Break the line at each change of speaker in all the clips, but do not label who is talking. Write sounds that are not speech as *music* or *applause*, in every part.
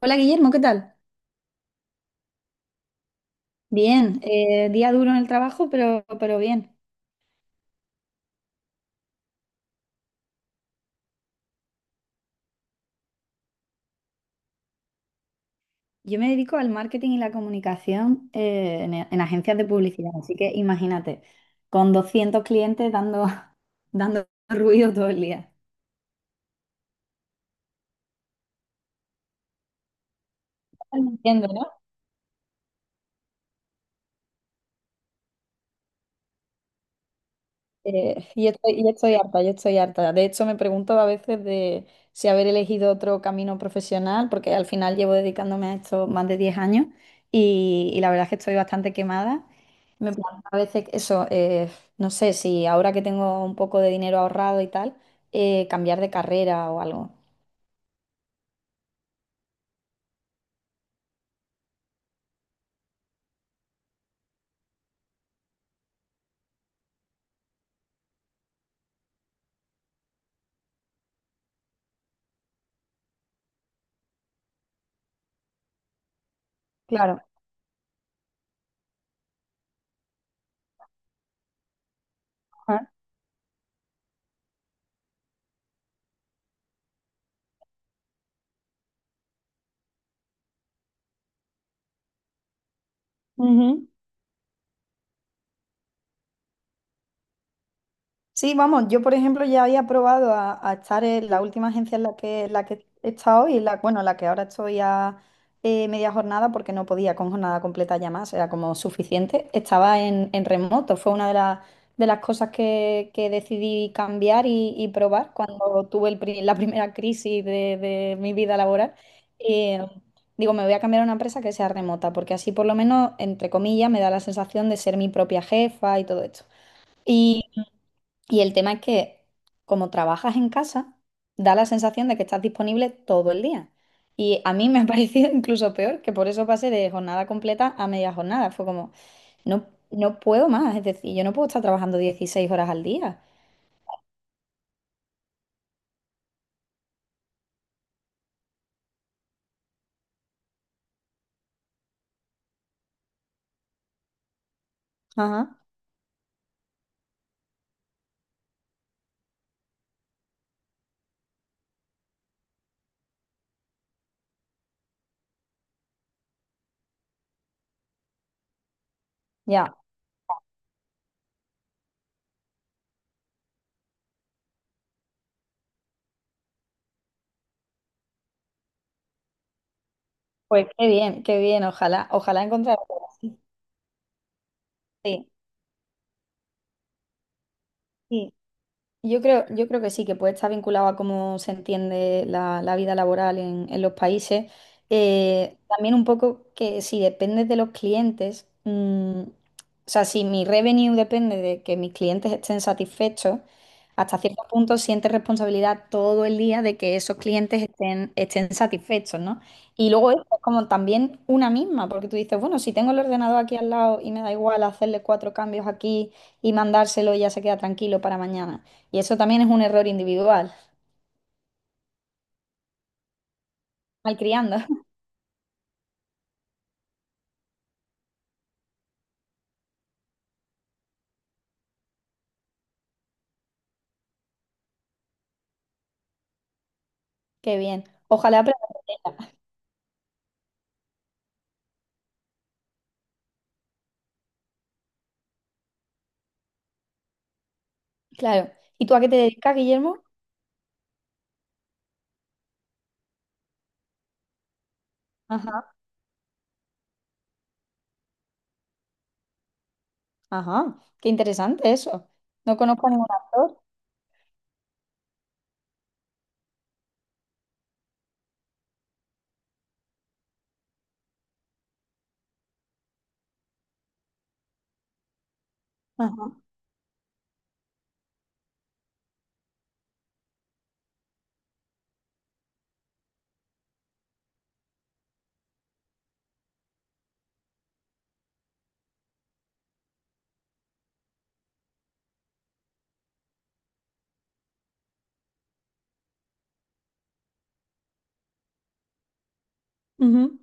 Hola Guillermo, ¿qué tal? Bien, día duro en el trabajo, pero bien. Yo me dedico al marketing y la comunicación en agencias de publicidad, así que imagínate, con 200 clientes dando, *laughs* dando ruido todo el día. No entiendo, ¿no? Yo estoy harta, yo estoy harta. De hecho, me pregunto a veces de si haber elegido otro camino profesional, porque al final llevo dedicándome a esto más de 10 años y la verdad es que estoy bastante quemada. Me planteo a veces eso, no sé si ahora que tengo un poco de dinero ahorrado y tal, cambiar de carrera o algo. Claro. Ajá. Ujú. Sí, vamos, yo por ejemplo ya había probado a estar en la última agencia en la que he estado y la, bueno, la que ahora estoy a media jornada porque no podía con jornada completa ya más, era como suficiente. Estaba en remoto, fue una de las de las cosas que decidí cambiar y probar cuando tuve la primera crisis de mi vida laboral. Eh, digo, me voy a cambiar a una empresa que sea remota porque así por lo menos, entre comillas, me da la sensación de ser mi propia jefa y todo esto. Y el tema es que como trabajas en casa, da la sensación de que estás disponible todo el día. Y a mí me ha *laughs* parecido incluso peor, que por eso pasé de jornada completa a media jornada. Fue como, no, no puedo más, es decir, yo no puedo estar trabajando 16 horas al día. Ajá, ya. Pues qué bien, ojalá, ojalá encontrar. Sí, sí. Yo creo que sí, que puede estar vinculado a cómo se entiende la, la vida laboral en los países. También un poco que si depende de los clientes, mm, o sea, si mi revenue depende de que mis clientes estén satisfechos, hasta cierto punto sientes responsabilidad todo el día de que esos clientes estén satisfechos, ¿no? Y luego es como también una misma, porque tú dices, bueno, si tengo el ordenador aquí al lado y me da igual hacerle cuatro cambios aquí y mandárselo y ya se queda tranquilo para mañana. Y eso también es un error individual. Malcriando. *laughs* Qué bien. Ojalá aprenda. Claro. ¿Y tú a qué te dedicas, Guillermo? Ajá. Ajá. Qué interesante eso. No conozco a ningún actor. Ajá. Ujú.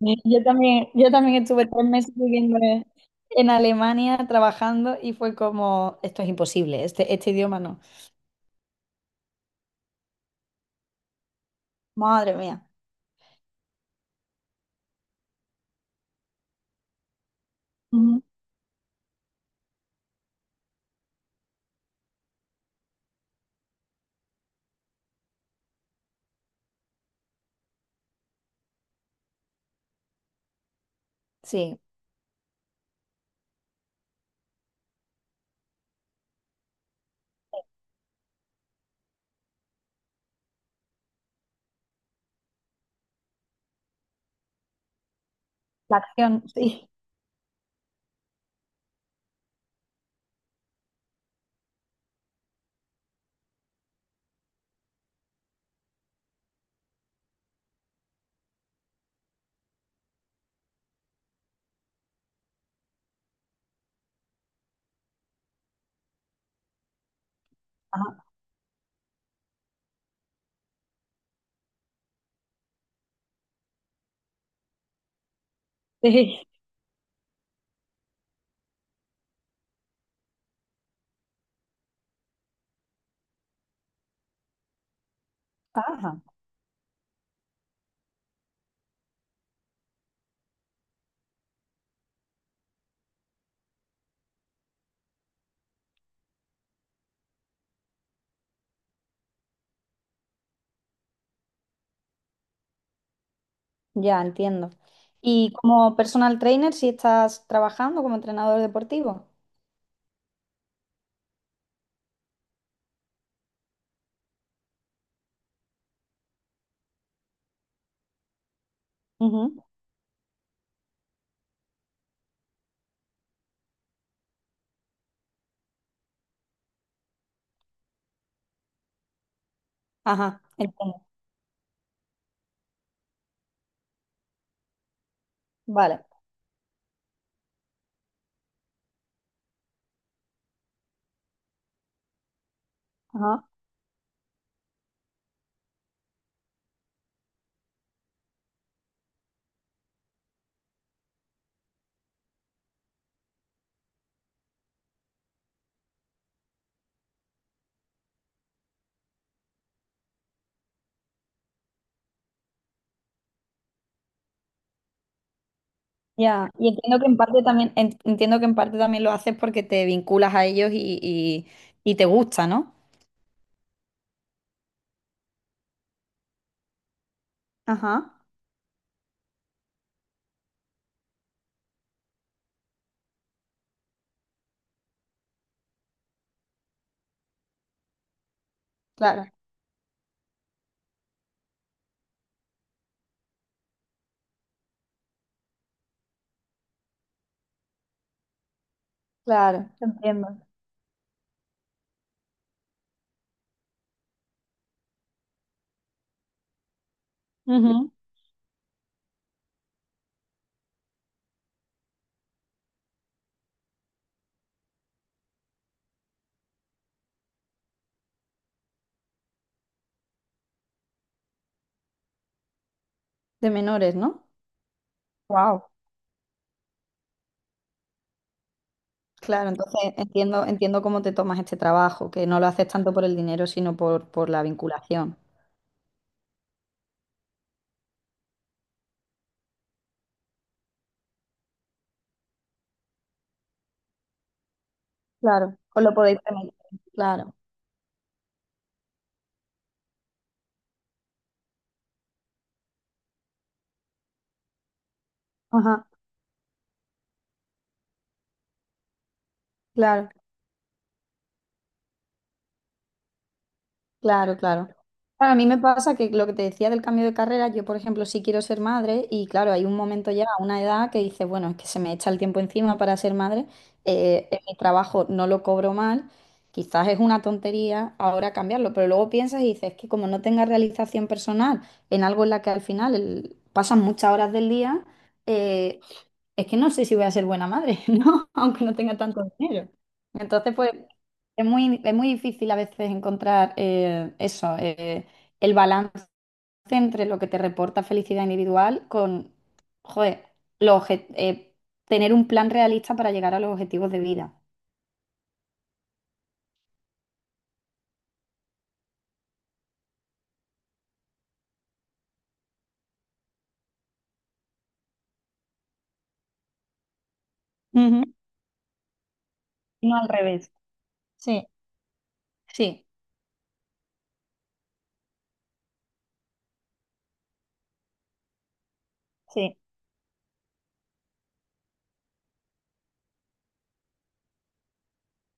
Yo también estuve 3 meses viviendo en Alemania trabajando y fue como, esto es imposible, este idioma no. Madre mía. Ujú. Sí. La acción, sí. Ajá. Sí. Ajá. Ya, entiendo. ¿Y como personal trainer, si estás trabajando como entrenador deportivo? Ujú. Ajá, entiendo. Vale. Ajá. Ya. Y entiendo que en parte también, entiendo que en parte también lo haces porque te vinculas a ellos y te gusta, ¿no? Ajá, claro, claro, entiendo. Ujú. De menores, ¿no? Wow. Claro, entonces entiendo, entiendo cómo te tomas este trabajo, que no lo haces tanto por el dinero, sino por la vinculación. Claro, os lo podéis permitir. Claro. Ajá. Claro, claro, claro. Claro, a mí me pasa que lo que te decía del cambio de carrera, yo por ejemplo sí quiero ser madre y claro, hay un momento ya, una edad que dices, bueno, es que se me echa el tiempo encima para ser madre, en mi trabajo no lo cobro mal, quizás es una tontería ahora cambiarlo, pero luego piensas y dices, es que como no tenga realización personal en algo en la que al final pasan muchas horas del día, eh, es que no sé si voy a ser buena madre, *laughs* ¿no? Aunque no tenga tanto dinero. Entonces, pues es muy difícil a veces encontrar eso, el balance entre lo que te reporta felicidad individual con, joder, los obje- eh, tener un plan realista para llegar a los objetivos de vida. Ujú. No al revés. Sí, sí, sí,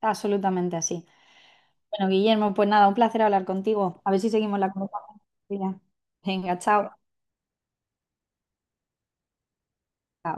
absolutamente así. Bueno, Guillermo, pues nada, un placer hablar contigo. A ver si seguimos la conversación. Venga, chao.